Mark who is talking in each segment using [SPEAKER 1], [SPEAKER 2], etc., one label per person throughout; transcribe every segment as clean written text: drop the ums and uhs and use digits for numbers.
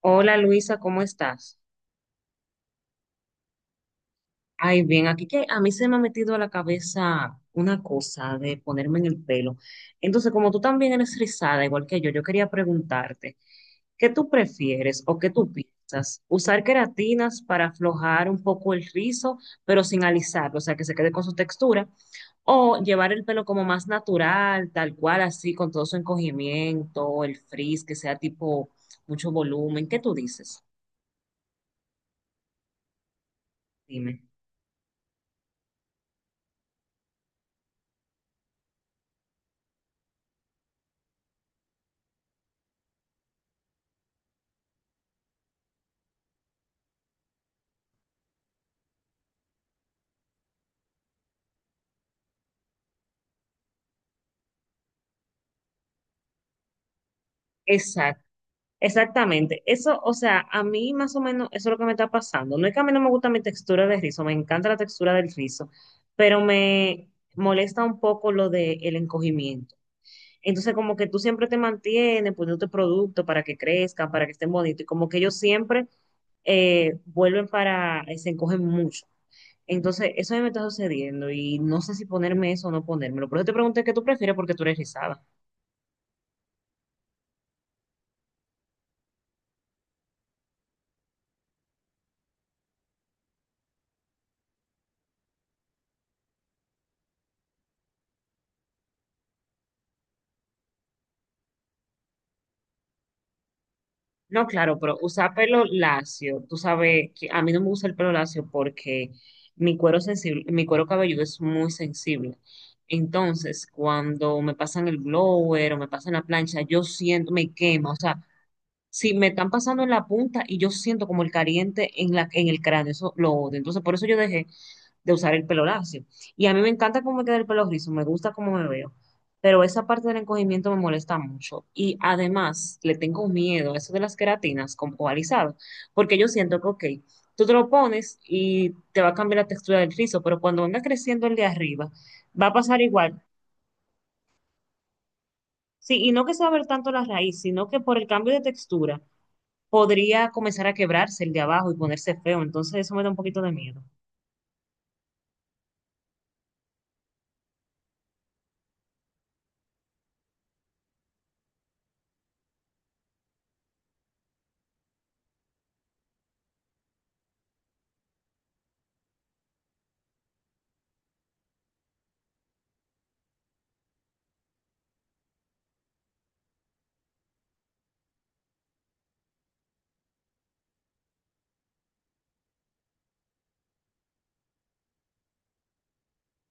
[SPEAKER 1] Hola Luisa, ¿cómo estás? Ay, bien, aquí que a mí se me ha metido a la cabeza una cosa de ponerme en el pelo. Entonces, como tú también eres rizada, igual que yo, quería preguntarte, ¿qué tú prefieres o qué tú piensas? ¿Usar queratinas para aflojar un poco el rizo, pero sin alisarlo, o sea, que se quede con su textura? ¿O llevar el pelo como más natural, tal cual, así, con todo su encogimiento, el frizz, que sea tipo mucho volumen? ¿Qué tú dices? Dime. Exactamente, eso, o sea, a mí más o menos eso es lo que me está pasando. No es que a mí no me gusta mi textura de rizo, me encanta la textura del rizo, pero me molesta un poco lo del encogimiento. Entonces, como que tú siempre te mantienes poniendo producto para que crezcan, para que estén bonitos, y como que ellos siempre vuelven para, se encogen mucho. Entonces, eso a mí me está sucediendo y no sé si ponerme eso o no ponérmelo. Por eso te pregunté qué tú prefieres porque tú eres rizada. No, claro, pero usar pelo lacio, tú sabes que a mí no me gusta el pelo lacio porque mi cuero sensible, mi cuero cabelludo es muy sensible. Entonces, cuando me pasan el blower o me pasan la plancha, yo siento, me quema. O sea, si me están pasando en la punta y yo siento como el caliente en el cráneo, eso lo odio. Entonces, por eso yo dejé de usar el pelo lacio. Y a mí me encanta cómo me queda el pelo rizo, me gusta cómo me veo, pero esa parte del encogimiento me molesta mucho. Y además le tengo miedo a eso de las queratinas con polarizado, porque yo siento que, ok, tú te lo pones y te va a cambiar la textura del rizo, pero cuando venga creciendo el de arriba, va a pasar igual. Sí, y no que se va a ver tanto la raíz, sino que por el cambio de textura podría comenzar a quebrarse el de abajo y ponerse feo. Entonces eso me da un poquito de miedo.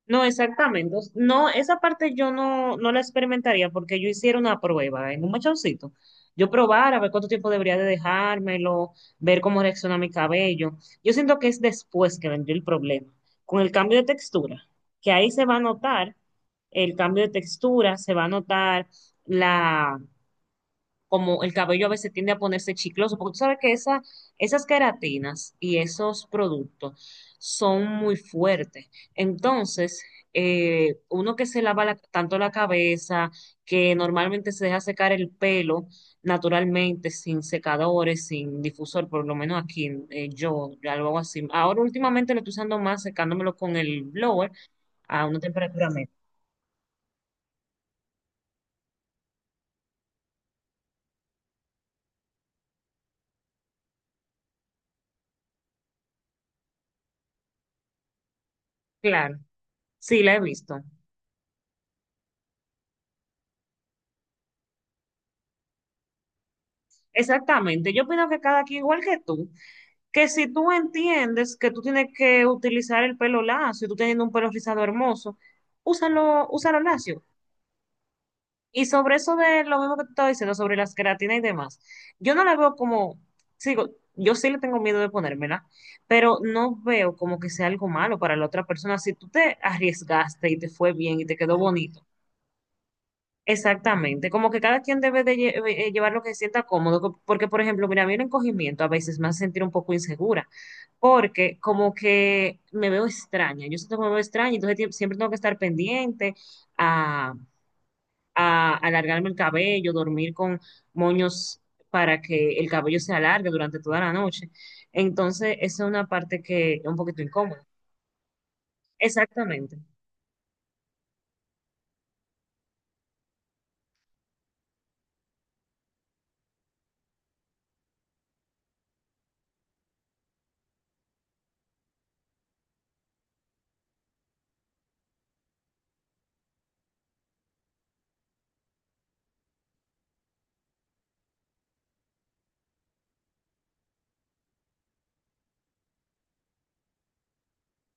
[SPEAKER 1] No, exactamente. No, esa parte yo no la experimentaría porque yo hiciera una prueba en un machoncito. Yo probar a ver cuánto tiempo debería de dejármelo, ver cómo reacciona mi cabello. Yo siento que es después que vendría el problema, con el cambio de textura, que ahí se va a notar el cambio de textura, se va a notar como el cabello a veces tiende a ponerse chicloso, porque tú sabes que esas queratinas y esos productos son muy fuertes. Entonces, uno que se lava tanto la cabeza, que normalmente se deja secar el pelo naturalmente, sin secadores, sin difusor, por lo menos aquí, yo lo hago así. Ahora últimamente lo estoy usando más secándomelo con el blower a una temperatura media. Claro, sí, la he visto. Exactamente, yo opino que cada quien, igual que tú, que si tú entiendes que tú tienes que utilizar el pelo lacio, y tú teniendo un pelo rizado hermoso, úsalo, úsalo lacio. Y sobre eso de lo mismo que te estaba diciendo, sobre las queratinas y demás, yo no la veo como, sigo, yo sí le tengo miedo de ponérmela, pero no veo como que sea algo malo para la otra persona. Si tú te arriesgaste y te fue bien y te quedó bonito. Exactamente, como que cada quien debe de llevar lo que se sienta cómodo, porque por ejemplo, mira, a mí el encogimiento a veces me hace sentir un poco insegura, porque como que me veo extraña, yo siento que me veo extraña, entonces siempre tengo que estar pendiente a, a, alargarme el cabello, dormir con moños para que el cabello se alargue durante toda la noche. Entonces, esa es una parte que es un poquito incómoda. Exactamente.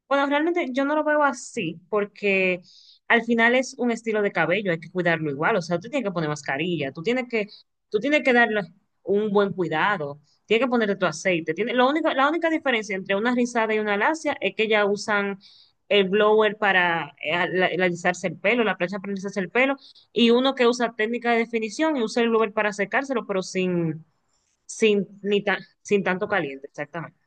[SPEAKER 1] Bueno, realmente yo no lo veo así, porque al final es un estilo de cabello, hay que cuidarlo igual. O sea, tú tienes que poner mascarilla, tú tienes que darle un buen cuidado, tienes que ponerle tu aceite. La única diferencia entre una rizada y una lacia es que ya usan el blower para alisarse el pelo, la plancha para alisarse el pelo, y uno que usa técnica de definición y usa el blower para secárselo, pero sin tanto caliente, exactamente.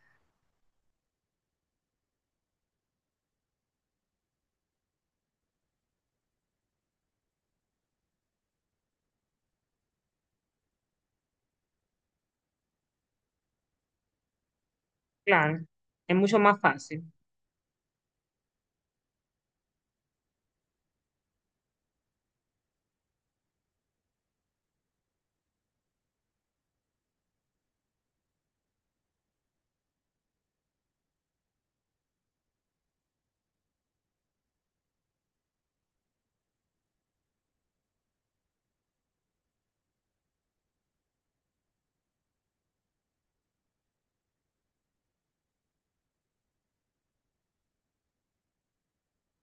[SPEAKER 1] Claro, es mucho más fácil.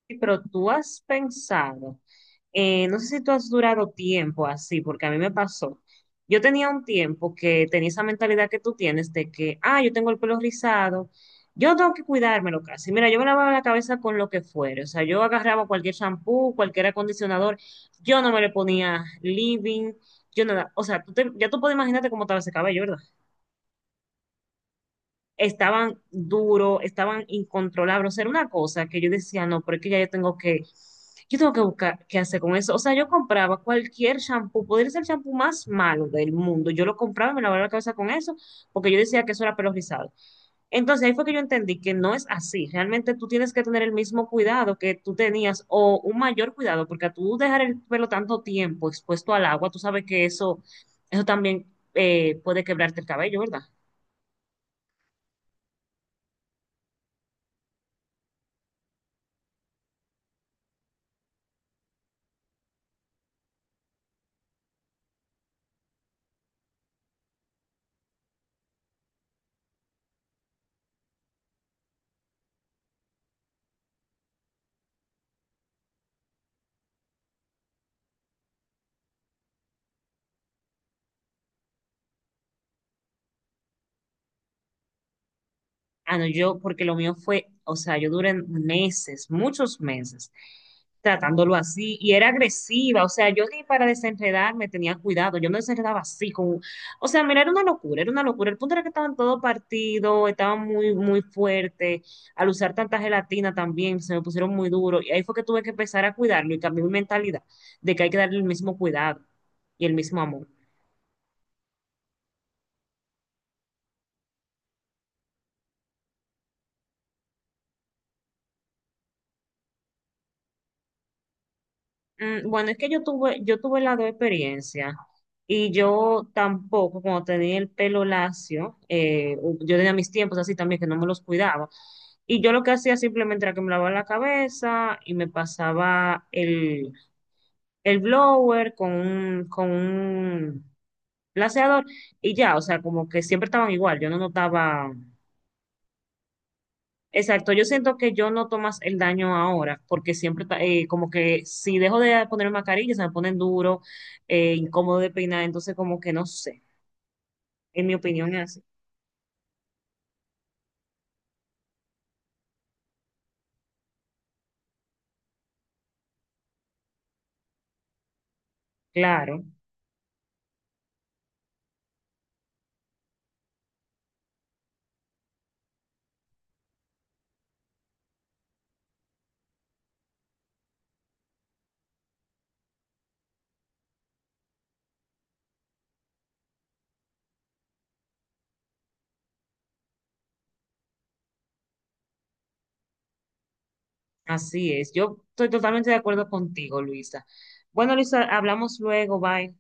[SPEAKER 1] Sí, pero tú has pensado, no sé si tú has durado tiempo así, porque a mí me pasó. Yo tenía un tiempo que tenía esa mentalidad que tú tienes de que, ah, yo tengo el pelo rizado, yo tengo que cuidármelo casi. Mira, yo me lavaba la cabeza con lo que fuera, o sea, yo agarraba cualquier shampoo, cualquier acondicionador, yo no me le ponía living, yo nada, o sea, ya tú puedes imaginarte cómo estaba ese cabello, ¿verdad? Estaban duros, estaban incontrolables. O sea, era una cosa que yo decía, no, pero es que ya yo tengo que buscar qué hacer con eso. O sea, yo compraba cualquier shampoo, podría ser el shampoo más malo del mundo. Yo lo compraba y me lavaba la cabeza con eso, porque yo decía que eso era pelo rizado. Entonces ahí fue que yo entendí que no es así. Realmente tú tienes que tener el mismo cuidado que tú tenías o un mayor cuidado, porque a tú dejar el pelo tanto tiempo expuesto al agua, tú sabes que eso también puede quebrarte el cabello, ¿verdad? Ah, no, porque lo mío fue, o sea, yo duré meses, muchos meses, tratándolo así, y era agresiva, o sea, yo ni para desenredarme tenía cuidado, yo me desenredaba así, o sea, mira, era una locura, el punto era que estaban todo partido, estaban muy, muy fuerte, al usar tanta gelatina también, se me pusieron muy duro, y ahí fue que tuve que empezar a cuidarlo y cambié mi mentalidad de que hay que darle el mismo cuidado y el mismo amor. Bueno, es que yo tuve las dos experiencias y yo tampoco, cuando tenía el pelo lacio, yo tenía mis tiempos así también que no me los cuidaba. Y yo lo que hacía simplemente era que me lavaba la cabeza y me pasaba el blower con con un laseador y ya, o sea, como que siempre estaban igual, yo no notaba. Exacto, yo siento que yo noto más el daño ahora, porque siempre, como que si dejo de ponerme mascarilla, se me ponen duro, incómodo de peinar, entonces como que no sé, en mi opinión es así. Claro, así es. Yo estoy totalmente de acuerdo contigo, Luisa. Bueno, Luisa, hablamos luego, bye.